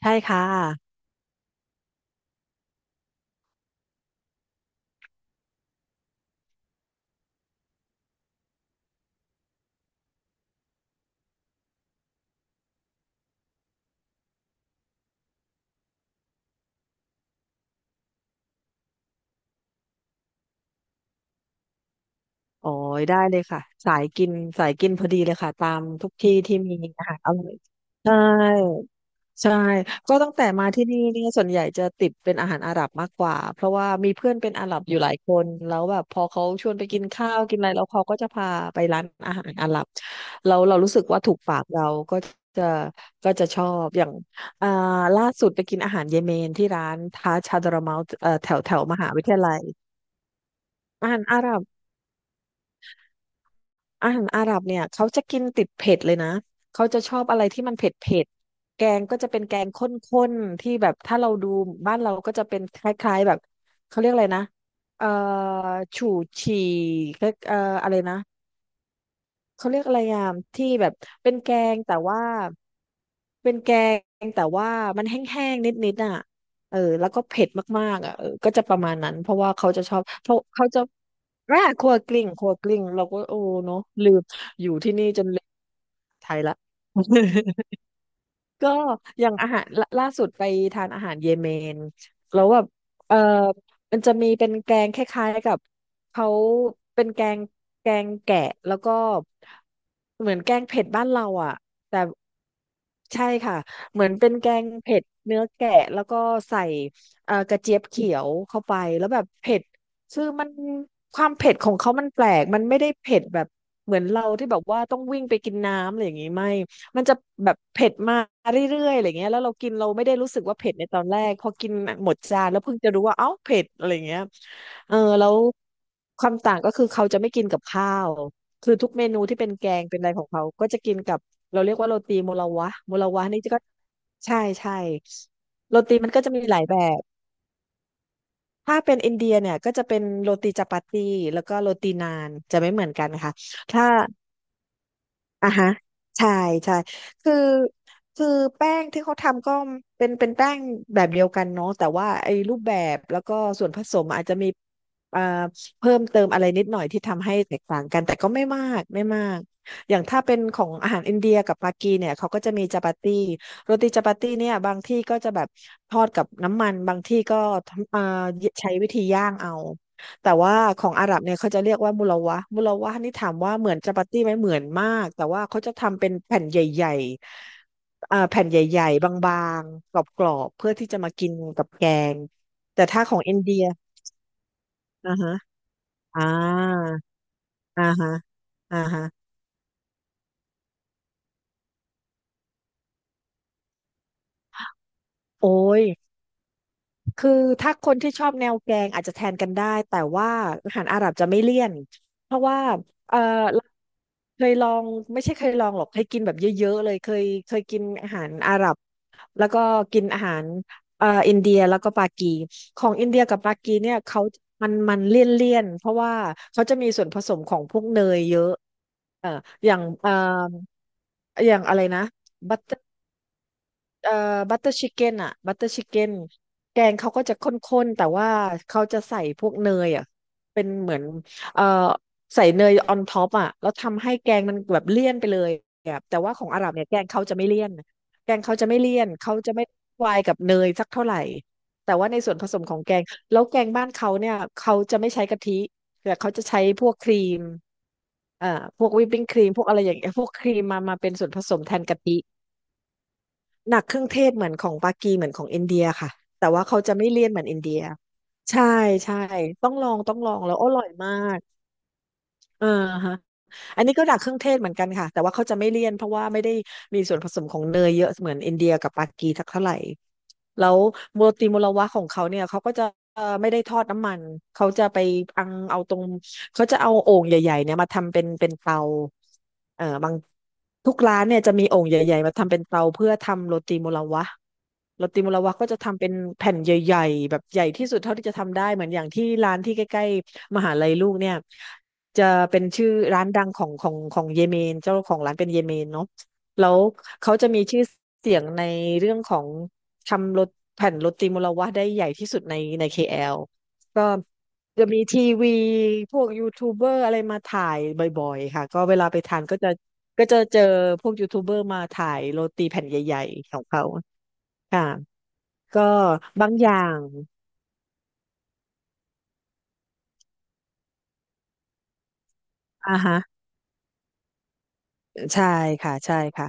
ใช่ค่ะโอ้ยได้เลยค่ะสายกินพอดีเลยค่ะตามทุกที่ที่มีอาหารอร่อยใช่ใช่ตั้งแต่มาที่นี่เนี่ยส่วนใหญ่จะติดเป็นอาหารอาหรับมากกว่าเพราะว่ามีเพื่อนเป็นอาหรับอยู่หลายคนแล้วแบบพอเขาชวนไปกินข้าวกินอะไรแล้วเขาก็จะพาไปร้านอาหารอาหรับเรารู้สึกว่าถูกปากเราก็จะก็จะชอบอย่างอ่าล่าสุดไปกินอาหารเยเมนที่ร้านทาชาดราเมาแถวแถวมหาวิทยาลัยอาหารอาหรับ อาหารอาหรับเนี่ยเขาจะกินติดเผ็ดเลยนะเขาจะชอบอะไรที่มันเผ็ดเผ็ดแกงก็จะเป็นแกงข้นๆที่แบบถ้าเราดูบ้านเราก็จะเป็นคล้ายๆแบบเขาเรียกอะไรนะเอ่อฉู่ฉี่เอ่ออะไรนะ เขาเรียกอะไรอ่ะที่แบบเป็นแกงแต่ว่าเป็นแกงแต่ว่ามันแห้งๆนิดๆอ่ะเออแล้วก็เผ็ดมากๆอ่ะเออก็จะประมาณนั้นเพราะว่าเขาจะชอบเพราะเขาจะครัวกลิ้งเราก็โอ้เนาะลืมอยู่ที่นี่จนลืมไทยละ ก็อย่างอาหารล่าสุดไปทานอาหารเยเมนแล้วแบบเออมันจะมีเป็นแกงคล้ายๆกับเขาเป็นแกงแกะแล้วก็เหมือนแกงเผ็ดบ้านเราอ่ะแต่ใช่ค่ะเหมือนเป็นแกงเผ็ดเนื้อแกะแล้วก็ใส่กระเจี๊ยบเขียวเข้าไปแล้วแบบเผ็ดคือมันความเผ็ดของเขามันแปลกมันไม่ได้เผ็ดแบบเหมือนเราที่แบบว่าต้องวิ่งไปกินน้ำอะไรอย่างนี้ไม่ มันจะแบบเผ็ดมาเรื่อยๆอะไรเงี้ยแล้วเรากินเราไม่ได้รู้สึกว่าเผ็ดในตอนแรก พอกินหมดจานแล้วเพิ่งจะรู้ว่า เอ้าเผ็ดอะไรเงี้ยเออแล้วความต่างก็คือเขาจะไม่กินกับข้าว คือทุกเมนูที่เป็นแกงเป็นอะไรของเขาก็จะกินกับเราเรียกว่าโรตีโมลาวะโมลาวะนี่ก็ใช่ใช่โรตีมันก็จะมีหลายแบบถ้าเป็นอินเดียเนี่ยก็จะเป็นโรตีจัปาตีแล้วก็โรตีนานจะไม่เหมือนกันค่ะถ้า อ่ะฮะใช่ใช่คือคือแป้งที่เขาทำก็เป็นแป้งแบบเดียวกันเนาะแต่ว่าไอ้รูปแบบแล้วก็ส่วนผสมอาจจะมีเอ่อเพิ่มเติมอะไรนิดหน่อยที่ทำให้แตกต่างกันแต่ก็ไม่มากอย่างถ้าเป็นของอาหารอินเดียกับปากีเนี่ยเขาก็จะมีจาปาตี้โรตีจาปาตี้เนี่ยบางที่ก็จะแบบทอดกับน้ำมันบางที่ก็ทำใช้วิธีย่างเอา แต่ว่าของอาหรับเนี่ยเขาจะเรียกว่ามุลาวะห์มุลาวะห์นี่ถามว่าเหมือนจาปาตี้ไหมเหมือนมากแต่ว่าเขาจะทำเป็นแผ่นใหญ่ๆอ่าแผ่นใหญ่ๆบางๆกรอบๆเพื่อที่จะมากินกับแกงแต่ถ้าของอินเดียอ่าฮะอ่าอ่าฮะอ่าฮะโอ้ย คือถ้าคนที่ชอบแนวแกงอาจจะแทนกันได้แต่ว่าอาหารอาหรับจะไม่เลี่ยนเพราะว่าเออเคยลองไม่ใช่เคยลองหรอกเคยกินแบบเยอะๆเลยเคยกินอาหารอาหรับแล้วก็กินอาหารอินเดียแล้วก็ปากีของอินเดียกับปากีเนี่ยเขามันเลี่ยนเพราะว่าเขาจะมีส่วนผสมของพวกเนยเยอะเอ่ออย่างอย่างอะไรนะบัตเต เอ่อบัตเตอร์ชิคเก้นอะบัตเตอร์ชิคเก้นแกงเขาก็จะข้นๆแต่ว่าเขาจะใส่พวกเนยอะเป็นเหมือนเอ่อใส่เนยออนท็อปอะแล้วทำให้แกงมันแบบเลี่ยนไปเลยอะแต่ว่าของอาหรับเนี่ยแกงเขาจะไม่เลี่ยนแกงเขาจะไม่เลี่ยนเขาจะไม่วายกับเนยสักเท่าไหร่แต่ว่าในส่วนผสมของแกงแล้วแกงบ้านเขาเนี่ยเขาจะไม่ใช้กะทิแต่เขาจะใช้พวกครีมอ่าพวกวิปปิ้งครีมพวกอะไรอย่างเงี้ยพวกครีมมาเป็นส่วนผสมแทนกะทิ หนักเครื่องเทศเหมือนของปากีเหมือนของอินเดียค่ะแต่ว่าเขาจะไม่เลี่ยนเหมือนอินเดียใช่ใช่ต้องลองแล้วอร่อยมากอออฮะ อันนี้ก็หนักเครื่องเทศเหมือนกันค่ะแต่ว่าเขาจะไม่เลี่ยนเพราะว่าไม่ได้มีส่วนผสมของเนยเยอะเหมือนอินเดียกับปากีสักเท่าไหร่แล้วโมติโมลาวะของเขาเนี่ยเขาก็จะไม่ได้ทอดน้ำมันเขาจะไปอังเอาตรงเขาจะเอาโอ่งใหญ่ๆเนี่ยมาทำเป็นเตาบางทุกร้านเนี่ยจะมีโอ่งใหญ่ๆมาทำเป็นเตาเพื่อทำโรตีโมลาวะโรตีโมลาวะก็จะทำเป็นแผ่นใหญ่ๆแบบใหญ่ที่สุดเท่าที่จะทำได้เหมือนอย่างที่ร้านที่ใกล้ๆมหาลัยลูกเนี่ย จะเป็นชื่อร้านดังของของเยเมนเจ้าของร้านเป็นเยเมนเนาะแล้วเขาจะมีชื่อเสียงในเรื่องของทำโรตแผ่นโรตีมุลาวะได้ใหญ่ที่สุดในKL ก็จะมีทีวีพวกยูทูบเบอร์อะไรมาถ่ายบ่อยๆค่ะก็เวลาไปทานก็จะก็จะเจอพวกยูทูบเบอร์มาถ่ายโรตีแผ่นใหญ่ๆของเขาค่ะก็บางอย่างอ่าฮะใช่ค่ะใช่ค่ะ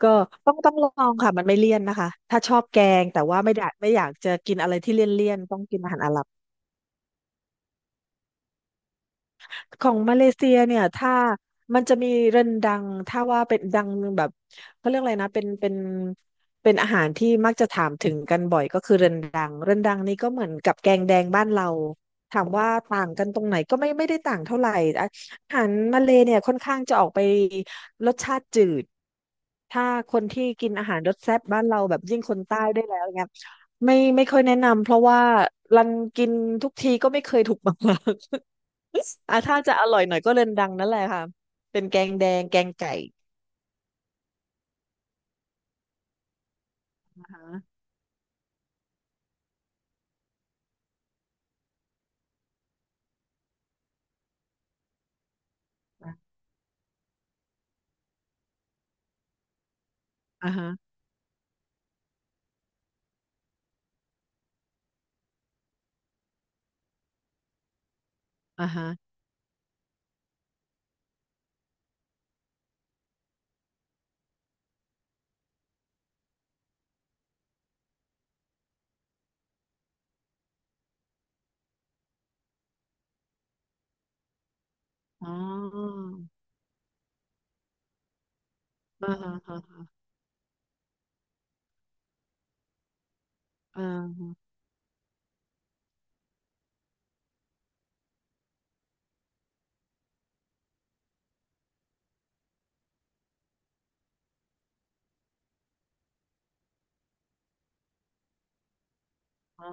ก็ต้องลองค่ะมันไม่เลี่ยนนะคะถ้าชอบแกงแต่ว่าไม่ได้ไม่อยากจะกินอะไรที่เลี่ยนๆต้องกินอาหารอะไร ของมาเลเซียเนี่ยถ้ามันจะมีเรนดังถ้าว่าเป็นดังแบบเขาเรียกอะไรนะเป็นเป็นอาหารที่มักจะถามถึงกันบ่อยก็คือเรนดังเรนดังนี่ก็เหมือนกับแกงแดงบ้านเราถามว่าต่างกันตรงไหนก็ไม่ได้ต่างเท่าไหร่อะอาหารมาเลเนี่ยค่อนข้างจะออกไปรสชาติจืดถ้าคนที่กินอาหารรสแซ่บบ้านเราแบบยิ่งคนใต้ได้วยแล้วอย่างเงี้ยไม่ค่อยแนะนำเพราะว่ารันกินทุกทีก็ไม่เคยถูกมาก อ่ะถ้าจะอร่อยหน่อยก็เรอนดังนั่นแหละค่ะเป็นแกงแดงแกงไก่อ่าฮะอ่าฮะอ่าฮะอ๋ออ่าฮะอ่าฮะอ่าอ๋อ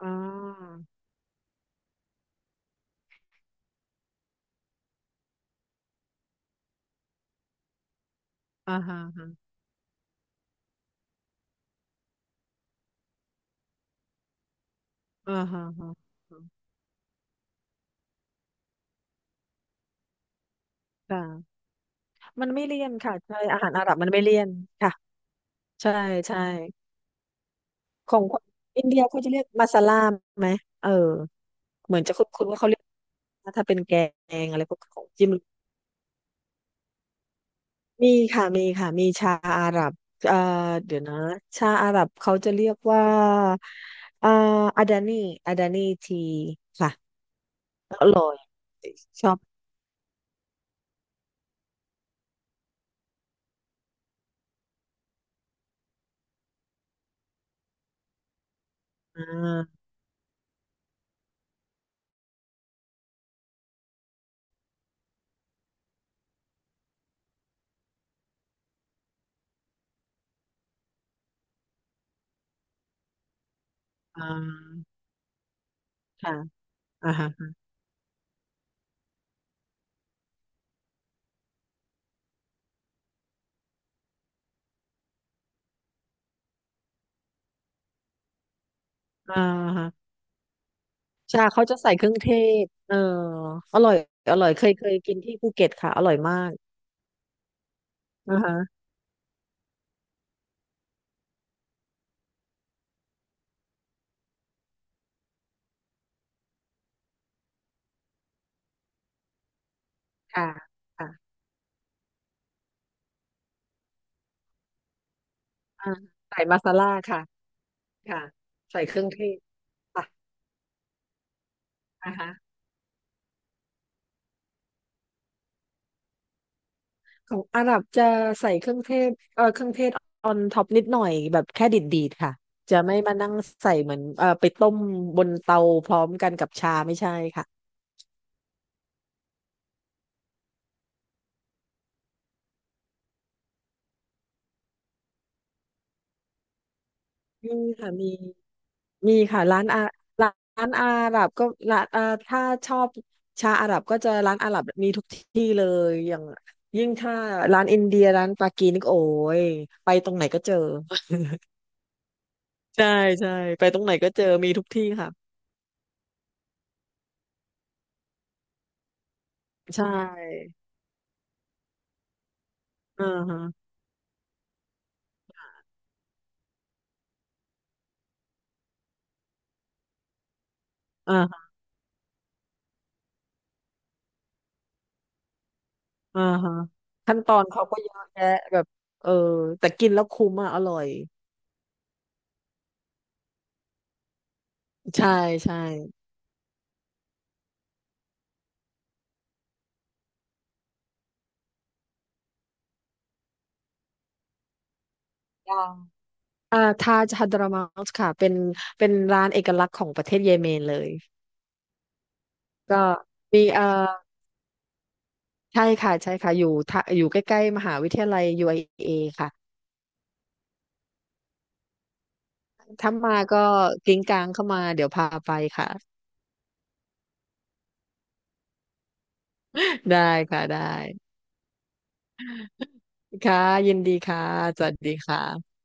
อ๋ออ่าฮะอ่าฮะอ่าฮะค่ะมันไม่เลี่ยนค่ะใช่อาหารอาหรับมันไม่เลี่ยนค่ะใช่ใช่ของคนอินเดียเขาจะเรียกมาซาลาไหมเออเหมือนจะคุ้นๆว่าเขาเรียกถ้าเป็นแกงอะไรพวกของจิ้ม มีค่ะมีค่ะมีชาอาหรับเอ่อเดี๋ยวนะชาอาหรับเขาจะเรียกว่าอ่าอาดานีอาดานีทีค่ะอร่อยชอบอ่าอ่าค่ะอ่าฮะอ่าฮะชาเขาจะใส่เครื่องเทศเอออร่อยอร่อยเคยกินที่ภูเก็ตค่ะอร่อยมากอ่าฮะค่ะค่ะอ่าใส่มาซาล่าค่ะค่ะใส่เครื่องเทศค่ะอ่าฮะ ของอาหรับจะใส่เครื่องเทศเออเครื่องเทศออนท็อปนิดหน่อยแบบแค่ดีดๆค่ะจะไม่มานั่งใส่เหมือนเออไปต้มบนเตาพร้อมกันกับชาไม่ใช่ค่ะมีค่ะมีค่ะร้านอาร้านอาหรับก็ร้านถ้าชอบชาอาหรับก็จะร้านอาหรับมีทุกที่เลยอย่างยิ่งถ้าร้านอินเดียร้านปากีนี่ก็โอ้ยไปตรงไหนก็เจอ ใช่ใช่ไปตรงไหนก็เจอมีทุกที่ค่ะใช่อ่าฮะอ่า อ่าฮะขั้นตอนเขาก็เยอะแยะแบบเออแต่กินแล้วคุ้มอ่ะอร่อยใช่ใช่ยังอ่าทาจฮัดรามัสค่ะเป็นร้านเอกลักษณ์ของประเทศเยเมนเลยก็มีใช่ค่ะใช่ค่ะอยู่ทะอยู่ใกล้ๆมหาวิทยาลัย UIA ค่ะถ้ามาก็กิ้งกลางเข้ามาเดี๋ยวพาไปค่ะ ได้ค่ะได้ค่ะยินดีค่ะสวัสดีค่ะ